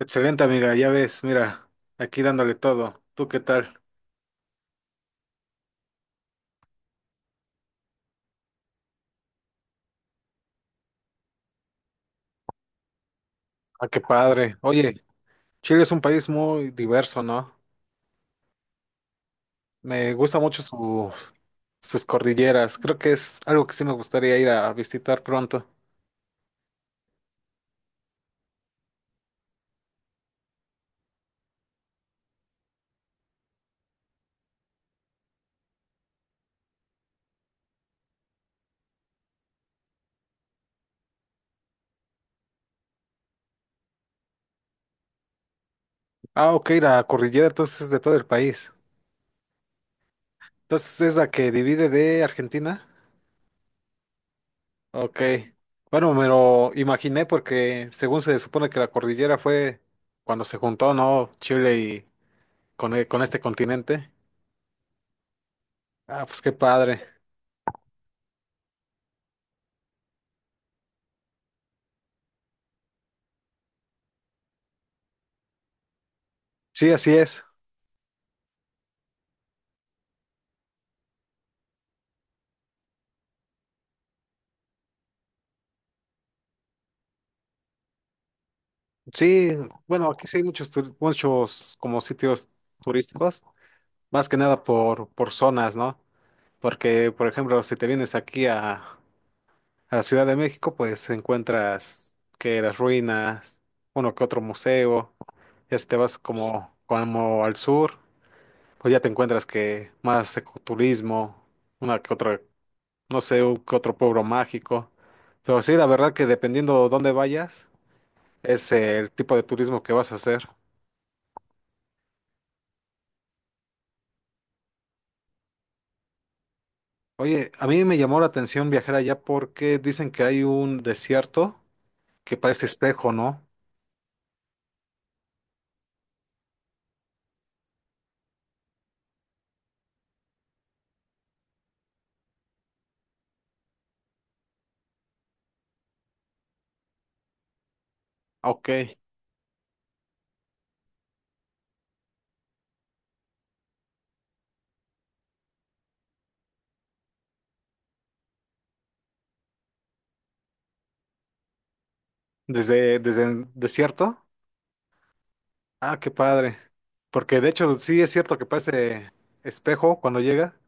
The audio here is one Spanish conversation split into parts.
Excelente, amiga, ya ves, mira, aquí dándole todo. ¿Tú qué tal? Ah, qué padre. Oye, Chile es un país muy diverso, ¿no? Me gusta mucho sus cordilleras. Creo que es algo que sí me gustaría ir a visitar pronto. Ah, ok, la cordillera entonces es de todo el país. Entonces es la que divide de Argentina. Ok. Bueno, me lo imaginé porque según se supone que la cordillera fue cuando se juntó, ¿no? Chile y con este continente. Ah, pues qué padre. Sí, así es. Sí, bueno, aquí sí hay muchos como sitios turísticos, más que nada por zonas, ¿no? Porque, por ejemplo, si te vienes a Ciudad de México, pues encuentras que las ruinas, uno que otro museo, ya si te vas como al sur, pues ya te encuentras que más ecoturismo, una que otra, no sé, un que otro pueblo mágico. Pero sí, la verdad que dependiendo dónde vayas, es el tipo de turismo que vas a hacer. Oye, a mí me llamó la atención viajar allá porque dicen que hay un desierto que parece espejo, ¿no? Ok. Desde el desierto. Ah, qué padre. Porque de hecho sí es cierto que parece espejo cuando llega.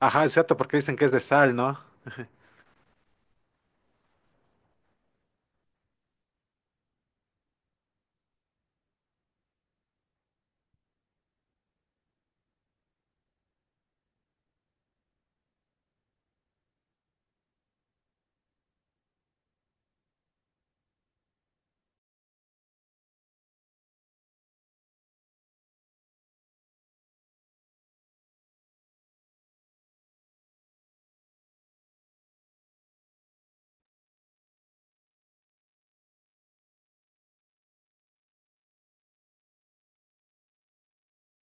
Ajá, exacto, porque dicen que es de sal, ¿no?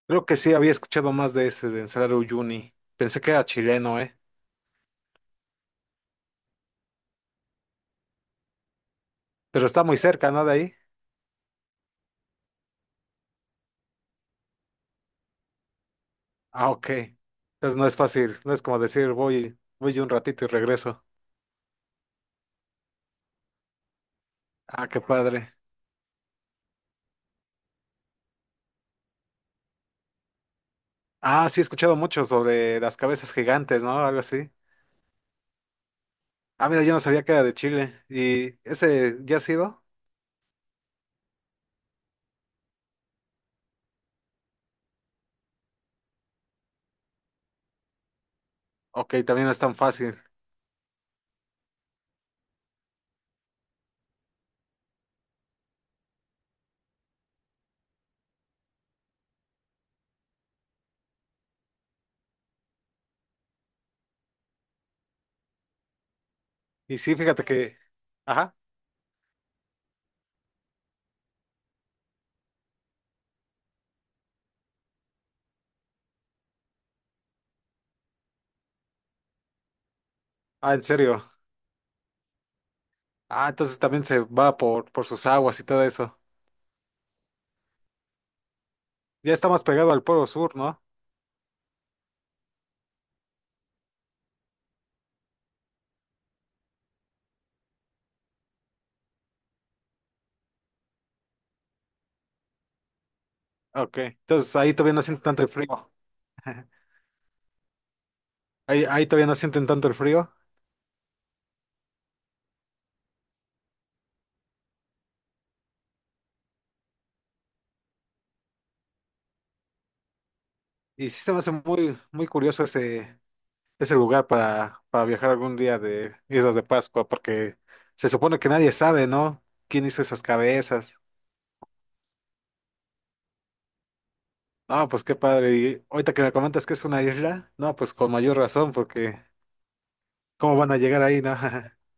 Creo que sí había escuchado más de ese, de Salar Uyuni. Pensé que era chileno, ¿eh? Pero está muy cerca, ¿no? De ahí. Ah, ok. Entonces no es fácil, no es como decir voy un ratito y regreso. Ah, qué padre. Ah, sí, he escuchado mucho sobre las cabezas gigantes, ¿no? Algo así. Ah, mira, yo no sabía que era de Chile. ¿Y ese ya ha sido? Ok, también no es tan fácil. Y sí, fíjate que... Ajá. Ah, en serio. Ah, entonces también se va por sus aguas y todo eso. Ya está más pegado al polo sur, ¿no? Ok. Entonces ahí todavía no sienten tanto el frío. Ahí todavía no sienten tanto el frío. Y sí se me hace muy curioso ese, es el lugar para viajar algún día de Islas de Pascua, porque se supone que nadie sabe, ¿no? ¿Quién hizo esas cabezas? No, pues qué padre. Y ahorita que me comentas que es una isla, no, pues con mayor razón, porque ¿cómo van a llegar ahí, no?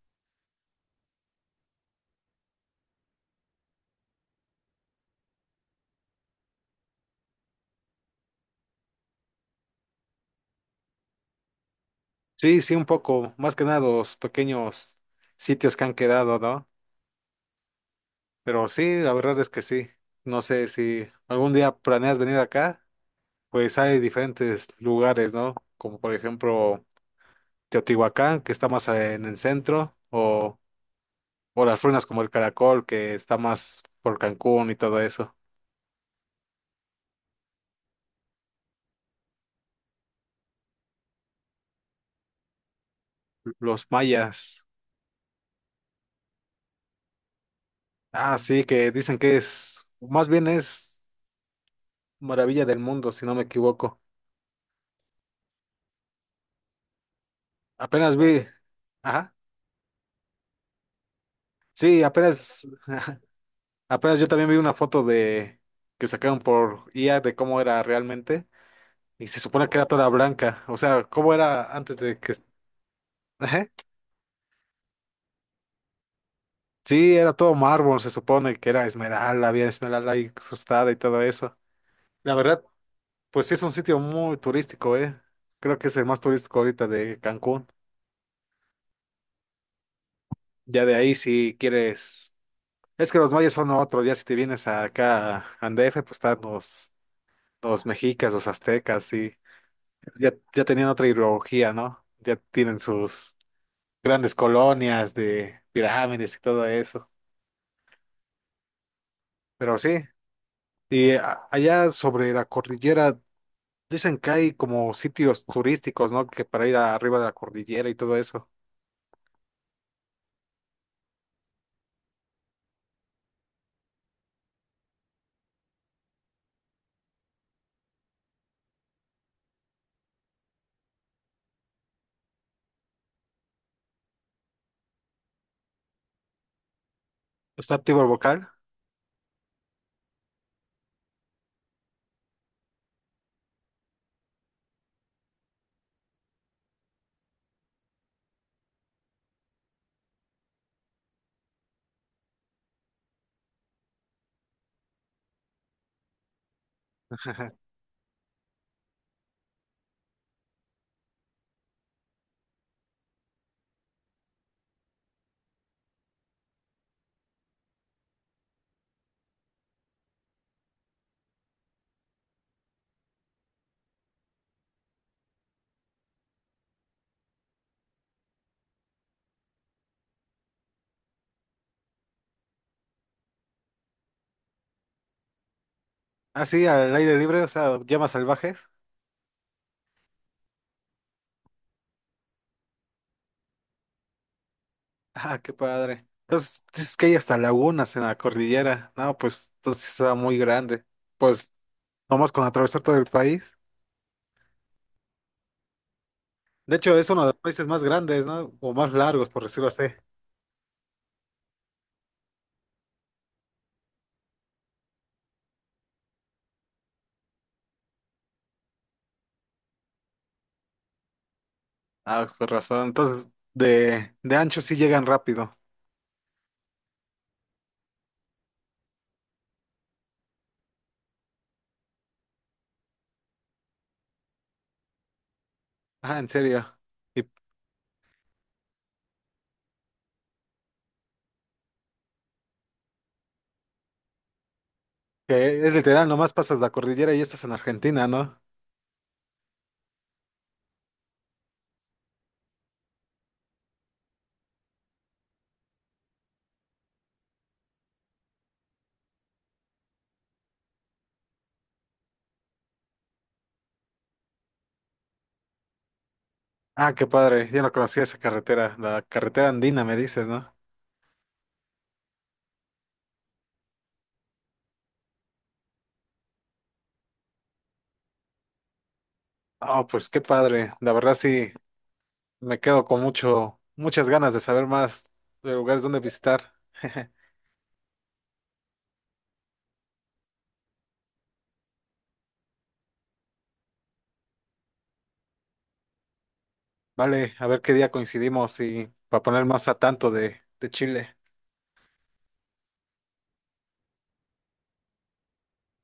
Sí, sí, un poco, más que nada los pequeños sitios que han quedado, ¿no? Pero sí, la verdad es que sí. No sé si algún día planeas venir acá, pues hay diferentes lugares, ¿no? Como por ejemplo Teotihuacán, que está más en el centro, o las ruinas como el Caracol, que está más por Cancún y todo eso. Los mayas. Ah, sí, que dicen que es, más bien es maravilla del mundo, si no me equivoco. Apenas vi, ajá, sí, apenas, apenas yo también vi una foto de que sacaron por IA de cómo era realmente y se supone que era toda blanca, o sea, cómo era antes de que, ajá. Sí, era todo mármol, se supone que era esmeralda, había esmeralda ahí incrustada y todo eso. La verdad, pues sí, es un sitio muy turístico, ¿eh? Creo que es el más turístico ahorita de Cancún. Ya de ahí, si quieres. Es que los mayas son otros, ya si te vienes acá a Andef, pues están los mexicas, los aztecas, y ya tenían otra ideología, ¿no? Ya tienen sus grandes colonias de pirámides y todo eso. Pero sí, y allá sobre la cordillera, dicen que hay como sitios turísticos, ¿no? Que para ir arriba de la cordillera y todo eso. ¿Está activo el vocal? Así, al aire libre, o sea, llamas salvajes. Ah, qué padre. Entonces, es que hay hasta lagunas en la cordillera. No, pues, entonces está muy grande. Pues, nomás con atravesar todo el país. De hecho, es uno de los países más grandes, ¿no? O más largos, por decirlo así. Ah, pues, por razón. Entonces, de ancho sí llegan rápido. Ah, en serio. Y que es literal, nomás pasas la cordillera y estás en Argentina, ¿no? Ah, qué padre. Yo no conocía esa carretera, la carretera andina, me dices, ¿no? Ah, pues qué padre. La verdad sí. Me quedo con mucho, muchas ganas de saber más de lugares donde visitar. Vale, a ver qué día coincidimos y para poner más a tanto de Chile.